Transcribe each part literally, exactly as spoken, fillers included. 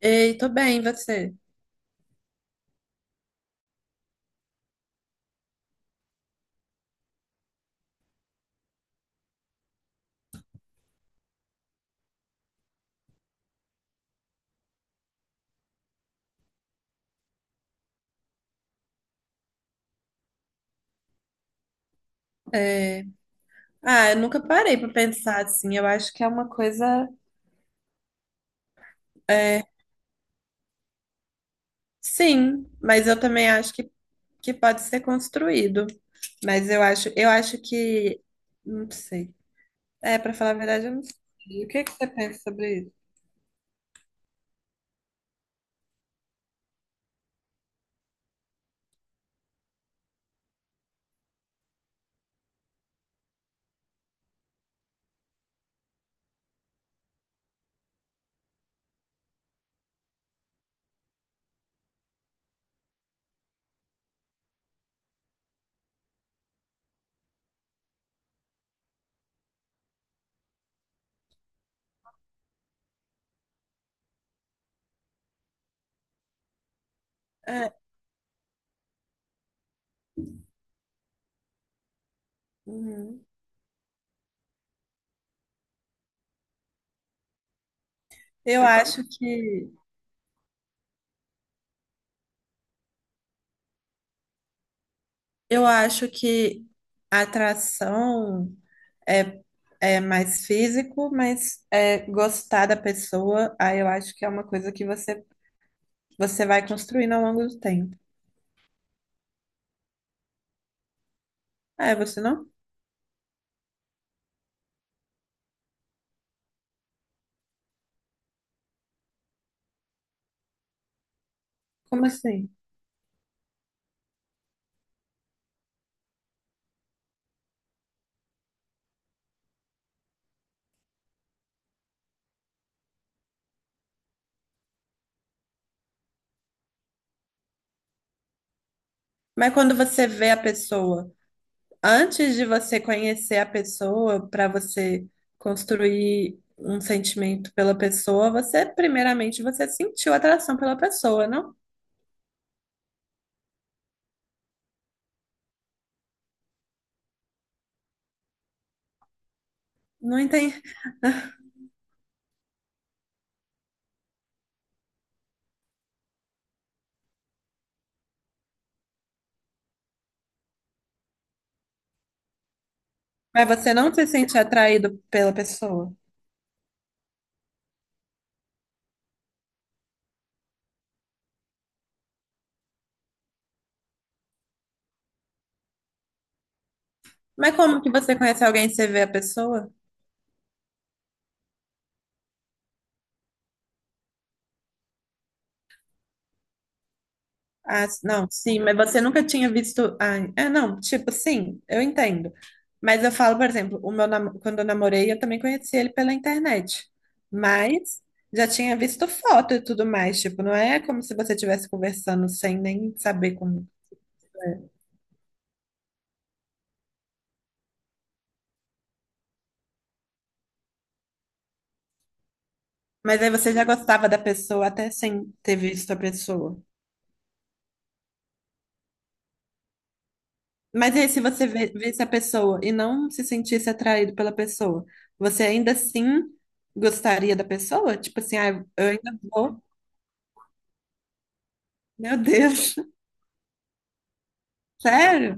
Ei, tô bem, e você? É, Ah, eu nunca parei pra pensar assim. Eu acho que é uma coisa. É, Sim, mas eu também acho que, que pode ser construído. Mas eu acho, eu acho que. Não sei. É, pra falar a verdade, eu não sei. O que que você pensa sobre isso? É, uhum. Eu acho que. Eu acho que a atração é, é mais físico, mas é gostar da pessoa, aí eu acho que é uma coisa que você Você vai construindo ao longo do tempo. Ah, é você não? Como assim? Mas quando você vê a pessoa, antes de você conhecer a pessoa, para você construir um sentimento pela pessoa, você, primeiramente, você sentiu atração pela pessoa, não? Não entendi. Mas você não se sente atraído pela pessoa. Mas como que você conhece alguém e você vê a pessoa? Ah, não, sim, mas você nunca tinha visto. Ah, é, não, tipo, sim, eu entendo. Mas eu falo, por exemplo, o meu nam- quando eu namorei, eu também conheci ele pela internet. Mas já tinha visto foto e tudo mais. Tipo, não é como se você estivesse conversando sem nem saber como. Mas aí você já gostava da pessoa até sem ter visto a pessoa. Mas e aí, se você vê- visse a pessoa e não se sentisse atraído pela pessoa, você ainda assim gostaria da pessoa? Tipo assim, ah, eu ainda vou. Meu Deus, sério?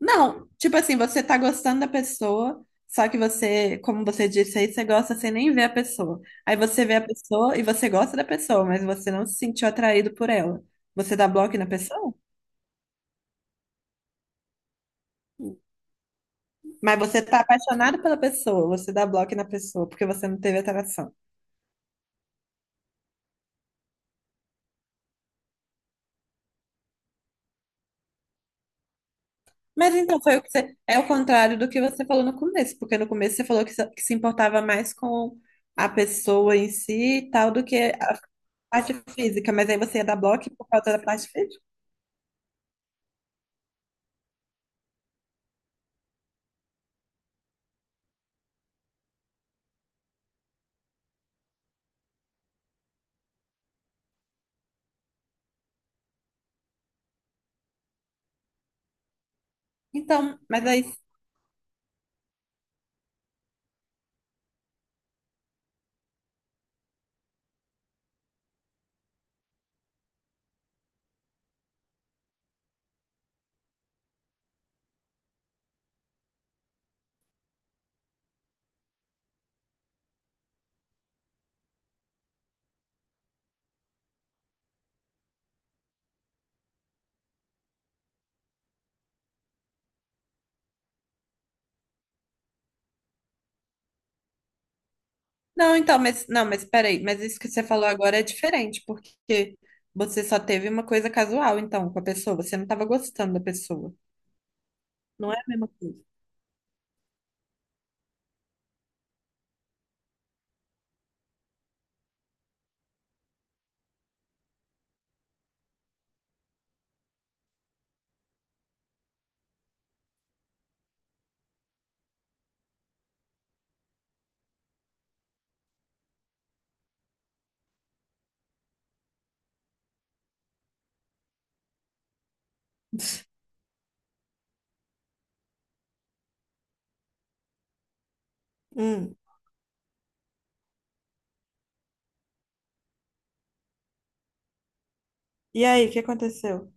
Não, tipo assim, você tá gostando da pessoa, só que você, como você disse aí, você gosta sem nem ver a pessoa. Aí você vê a pessoa e você gosta da pessoa, mas você não se sentiu atraído por ela. Você dá bloco na pessoa? Mas você tá apaixonado pela pessoa, você dá bloco na pessoa, porque você não teve atração. Mas então foi o que você, é o contrário do que você falou no começo, porque no começo você falou que se que se importava mais com a pessoa em si e tal do que a Parte física, mas aí você ia dar bloco por causa da parte física? Então, mas aí. Não, então, mas não, mas peraí, mas isso que você falou agora é diferente, porque você só teve uma coisa casual, então, com a pessoa, você não estava gostando da pessoa. Não é a mesma coisa. Hum. E aí, o que aconteceu?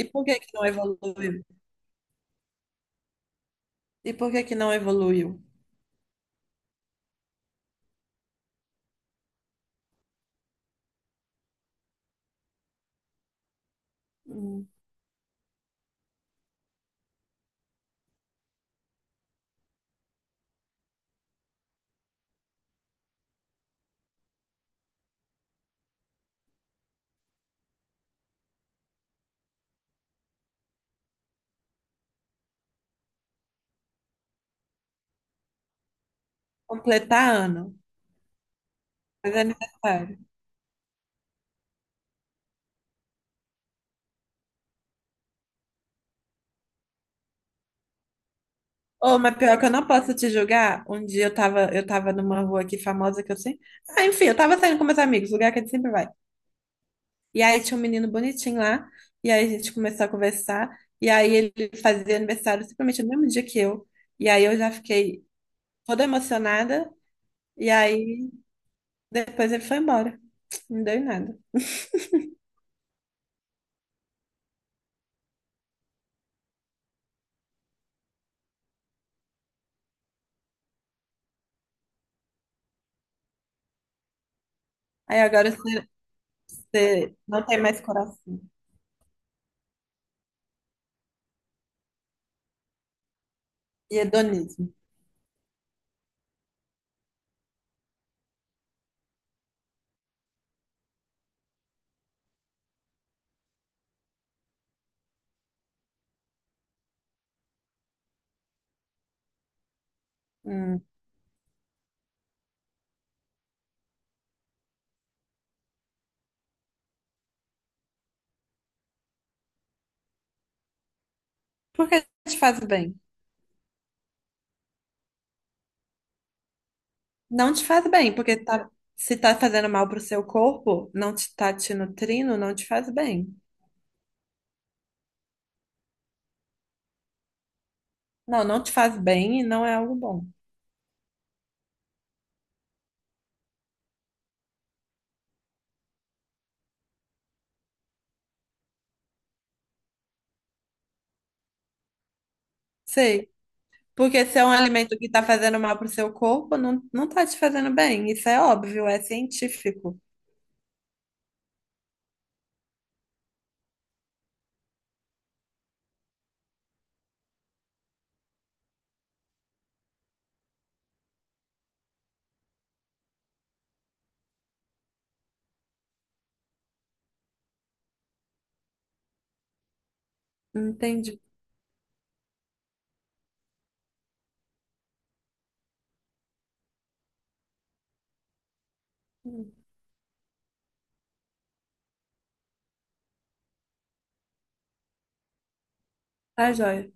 E por que que não evoluiu? E por que que não evoluiu? Hum. Completar ano, fazer aniversário. Ô, mas pior que eu não posso te julgar. Um dia eu tava, eu tava numa rua aqui famosa que eu sei. Ah, enfim, eu tava saindo com meus amigos, lugar que a gente sempre vai. E aí tinha um menino bonitinho lá, e aí a gente começou a conversar, e aí ele fazia aniversário simplesmente no mesmo dia que eu. E aí eu já fiquei toda emocionada, e aí depois ele foi embora. Não deu em nada. Aí agora você, você não tem mais coração. E hedonismo. Hum. Por que te faz bem? Não te faz bem, porque tá, se tá fazendo mal pro seu corpo, não te tá te nutrindo, não te faz bem. Não, não te faz bem e não é algo bom. Sei. Porque se é um alimento que tá fazendo mal pro seu corpo, não, não tá te fazendo bem. Isso é óbvio, é científico. Entendi. Tá, joia.